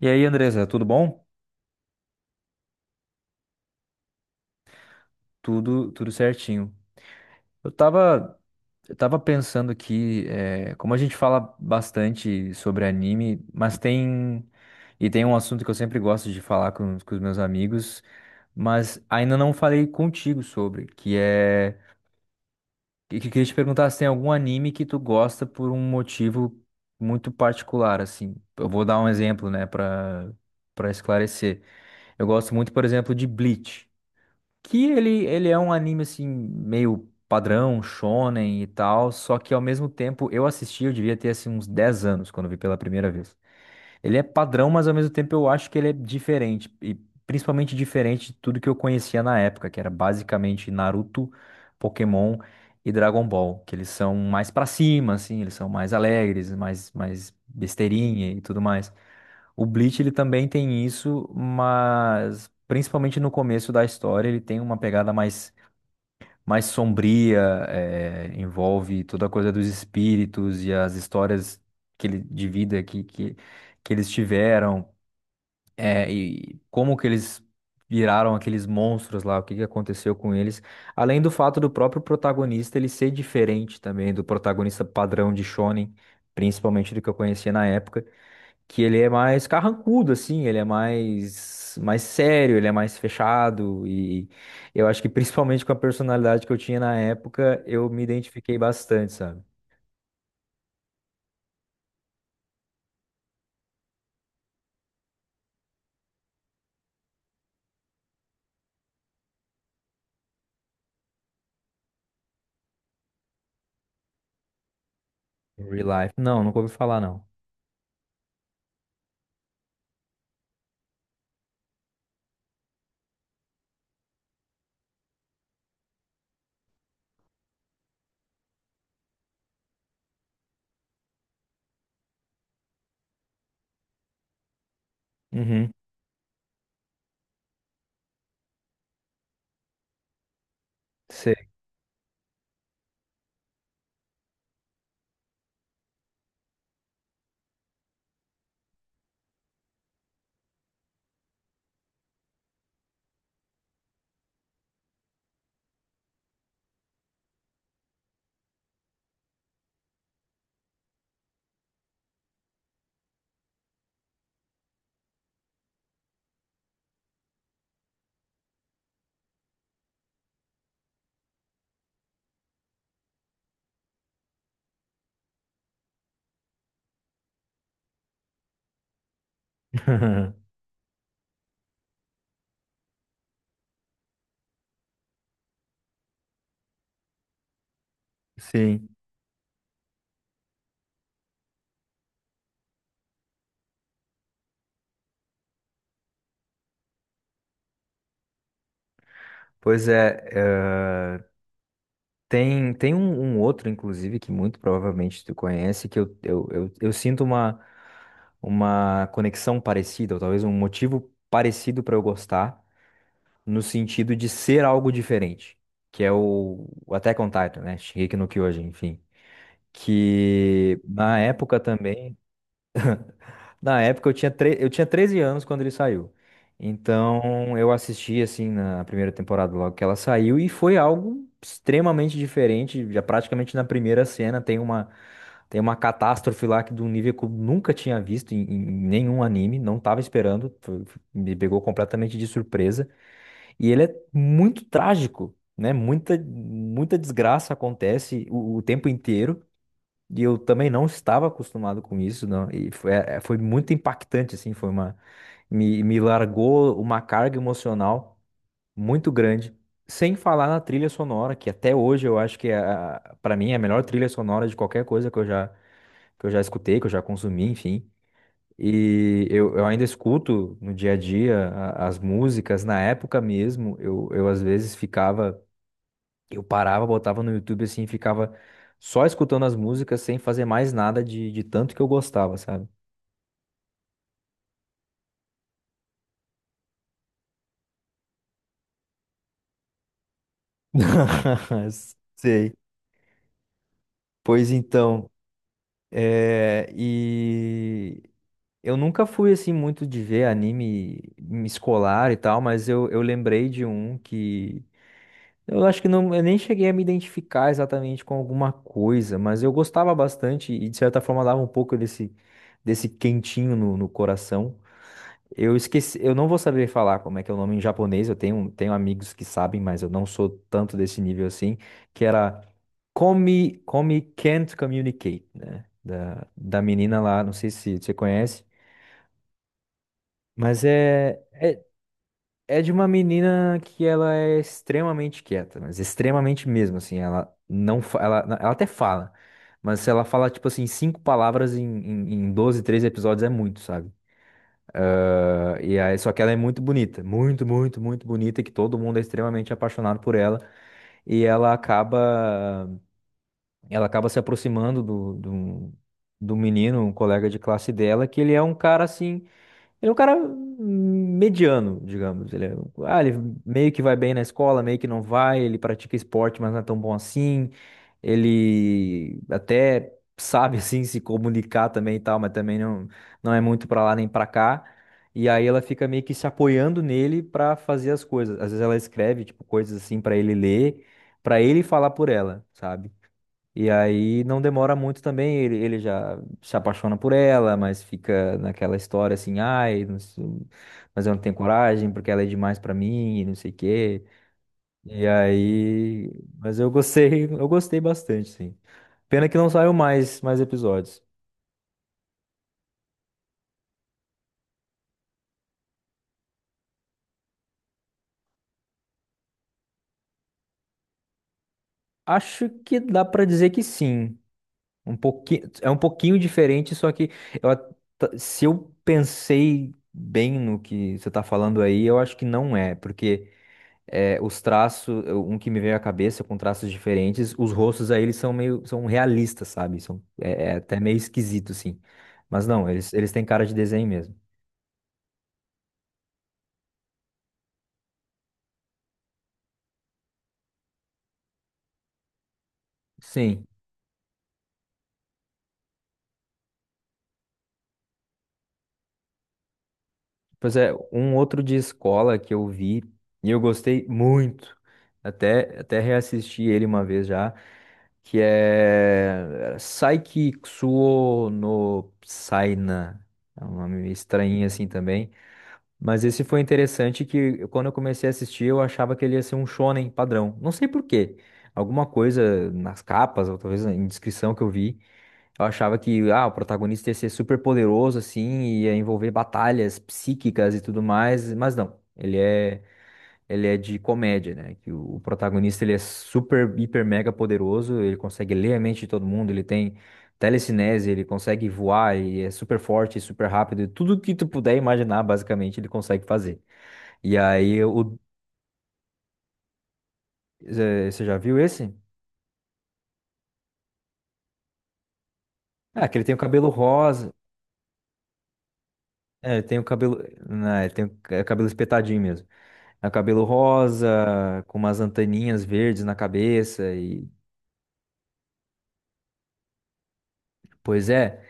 E aí, Andresa, tudo bom? Tudo, tudo certinho. Eu tava, eu tava pensando aqui, como a gente fala bastante sobre anime, e tem um assunto que eu sempre gosto de falar com os meus amigos, mas ainda não falei contigo sobre, que eu queria te perguntar se tem algum anime que tu gosta por um motivo muito particular, assim. Eu vou dar um exemplo, né, para esclarecer. Eu gosto muito, por exemplo, de Bleach. Que ele é um anime assim, meio padrão, shonen e tal, só que ao mesmo tempo eu assisti, eu devia ter assim uns 10 anos quando vi pela primeira vez. Ele é padrão, mas ao mesmo tempo eu acho que ele é diferente. E principalmente diferente de tudo que eu conhecia na época, que era basicamente Naruto, Pokémon e Dragon Ball. Que eles são mais pra cima, assim, eles são mais alegres, mais, mais besteirinha e tudo mais. O Bleach, ele também tem isso, mas principalmente no começo da história, ele tem uma pegada mais sombria, envolve toda a coisa dos espíritos e as histórias de vida que eles tiveram, e como que eles viraram aqueles monstros lá, o que que aconteceu com eles, além do fato do próprio protagonista ele ser diferente também do protagonista padrão de Shonen, principalmente do que eu conhecia na época que ele é mais carrancudo, assim, ele é mais sério, ele é mais fechado, e eu acho que principalmente com a personalidade que eu tinha na época, eu me identifiquei bastante, sabe? Em Real Life. Não, nunca ouvi falar, não. Uhum, sei. Sim. Pois é, é, tem um outro, inclusive, que muito provavelmente tu conhece, que eu sinto uma conexão parecida, ou talvez um motivo parecido para eu gostar. No sentido de ser algo diferente, que é o Attack on Titan, né? Shingeki no Kyojin, enfim. Que na época também, na época eu tinha 13 anos quando ele saiu. Então eu assisti assim na primeira temporada logo que ela saiu e foi algo extremamente diferente, já praticamente na primeira cena tem uma catástrofe lá que de um nível que eu nunca tinha visto em, em nenhum anime, não estava esperando, me pegou completamente de surpresa. E ele é muito trágico, né? Muita, muita desgraça acontece o tempo inteiro. E eu também não estava acostumado com isso, não. E foi muito impactante, assim. Me largou uma carga emocional muito grande. Sem falar na trilha sonora, que até hoje eu acho que é, para mim é a melhor trilha sonora de qualquer coisa que que eu já escutei, que eu já consumi, enfim. E eu ainda escuto no dia a dia a- as músicas. Na época mesmo, eu às vezes ficava, eu parava, botava no YouTube assim, e ficava só escutando as músicas sem fazer mais nada de tanto que eu gostava, sabe? Sei. Pois então, e eu nunca fui assim muito de ver anime escolar e tal, mas eu lembrei de um que. Eu acho que não, eu nem cheguei a me identificar exatamente com alguma coisa, mas eu gostava bastante e de certa forma dava um pouco desse quentinho no coração. Eu esqueci, eu não vou saber falar como é que é o nome em japonês, eu tenho amigos que sabem, mas eu não sou tanto desse nível assim, que era Come, Come Can't Communicate, né? Da menina lá, não sei se você conhece, mas é, é é de uma menina que ela é extremamente quieta, mas extremamente mesmo, assim, ela não, ela até fala, mas ela fala, tipo assim, cinco palavras em, em 12, 13 episódios é muito, sabe? Ah, e aí, só que ela é muito bonita, muito, muito, muito bonita, que todo mundo é extremamente apaixonado por ela, e ela acaba se aproximando do menino, um colega de classe dela, que ele é um cara, assim, ele é um cara mediano, digamos. Ele é, ele meio que vai bem na escola, meio que não vai. Ele pratica esporte, mas não é tão bom assim. Ele até sabe, assim, se comunicar também e tal, mas também não, não é muito pra lá nem pra cá. E aí ela fica meio que se apoiando nele pra fazer as coisas. Às vezes ela escreve, tipo, coisas assim pra ele ler, pra ele falar por ela, sabe? E aí não demora muito também, ele já se apaixona por ela, mas fica naquela história assim, ai, não sei- mas eu não tenho coragem porque ela é demais pra mim, e não sei o quê. E aí, mas eu gostei, eu gostei bastante, sim. Pena que não saiu mais episódios. Acho que dá pra dizer que sim. Um pouquinho, é um pouquinho diferente, só que eu at- se eu pensei bem no que você tá falando aí, eu acho que não é, porque é, os traços, um que me veio à cabeça com traços diferentes, os rostos aí eles são meio, são realistas, sabe? São, é, é até meio esquisito, assim. Mas não, eles têm cara de desenho mesmo. Sim. Pois é, um outro de escola que eu vi e eu gostei muito, até reassisti ele uma vez já, que é Saiki Kusuo no Saina. É um nome meio estranho assim também. Mas esse foi interessante que eu- quando eu comecei a assistir, eu achava que ele ia ser um shonen padrão. Não sei por quê. Alguma coisa nas capas, ou talvez na descrição que eu vi, eu achava que ah, o protagonista ia ser super poderoso assim, ia envolver batalhas psíquicas e tudo mais, mas não. Ele é de comédia, né? Que o protagonista ele é super, hiper, mega poderoso, ele consegue ler a mente de todo mundo, ele tem telecinese, ele consegue voar e é super forte, super rápido, e tudo que tu puder imaginar, basicamente, ele consegue fazer. E aí, você já viu esse? Ah, que ele tem o cabelo rosa, é, ele tem o cabelo, não, ele tem o cabelo espetadinho mesmo. É o cabelo rosa, com umas anteninhas verdes na cabeça e, pois é.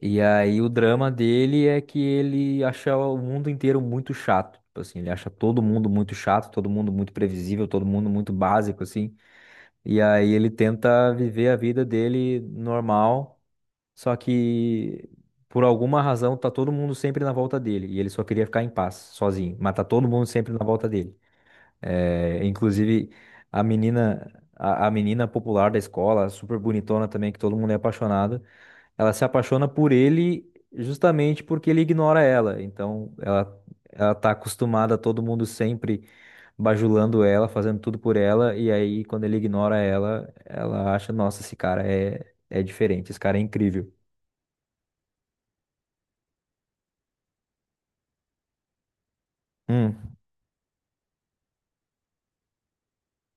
E aí o drama dele é que ele acha o mundo inteiro muito chato. Tipo assim, ele acha todo mundo muito chato, todo mundo muito previsível, todo mundo muito básico, assim. E aí ele tenta viver a vida dele normal, só que por alguma razão tá todo mundo sempre na volta dele. E ele só queria ficar em paz, sozinho. Mas tá todo mundo sempre na volta dele. É, inclusive, a menina, a menina popular da escola, super bonitona também, que todo mundo é apaixonado. Ela se apaixona por ele justamente porque ele ignora ela. Então, ela tá acostumada a todo mundo sempre bajulando ela, fazendo tudo por ela, e aí quando ele ignora ela, ela acha, nossa, esse cara é diferente, esse cara é incrível. Hum.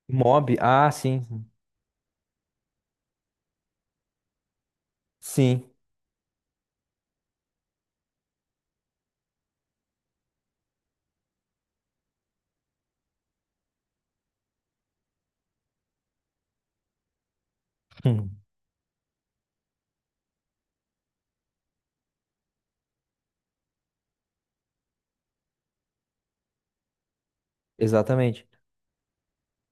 Mob? Ah, sim. Sim. Hum. Exatamente.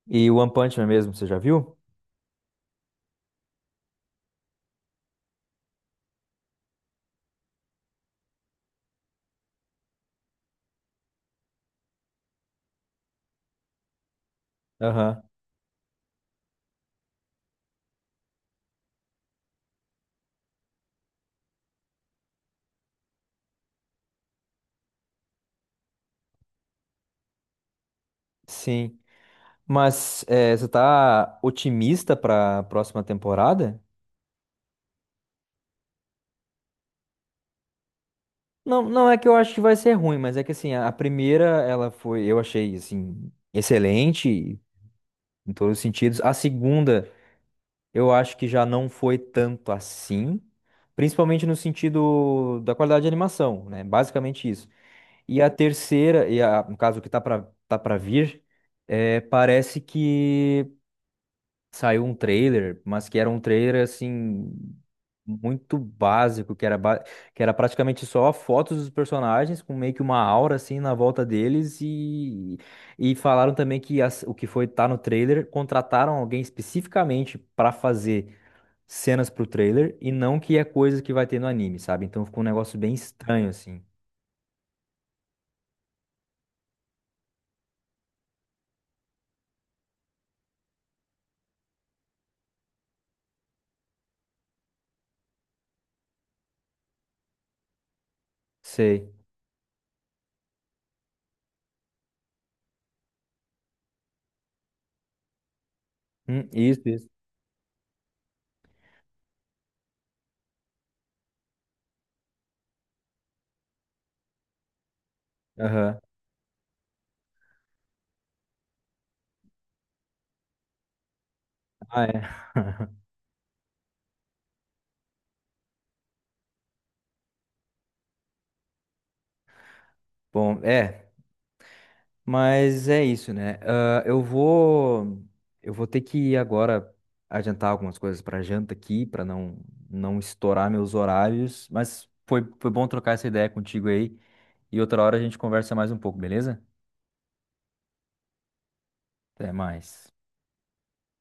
E o One Punch Man mesmo, você já viu? Aham. Sim. Mas você tá otimista pra próxima temporada? Não, não é que eu acho que vai ser ruim, mas é que assim, a primeira ela foi, eu achei assim, excelente em todos os sentidos. A segunda, eu acho que já não foi tanto assim, principalmente no sentido da qualidade de animação, né? Basicamente isso. E a terceira, e a, no caso o que tá pra vir, é, parece que saiu um trailer, mas que era um trailer assim muito básico, que era praticamente só fotos dos personagens com meio que uma aura assim na volta deles e falaram também que o que foi tá no trailer, contrataram alguém especificamente para fazer cenas pro trailer e não que é coisa que vai ter no anime, sabe? Então ficou um negócio bem estranho assim. Sei. Isso, isso. Aham. Ah, é. Bom, é. Mas é isso, né? Ah, eu vou ter que ir agora adiantar algumas coisas para janta aqui, para não estourar meus horários. Mas foi bom trocar essa ideia contigo aí. E outra hora a gente conversa mais um pouco, beleza? Até mais.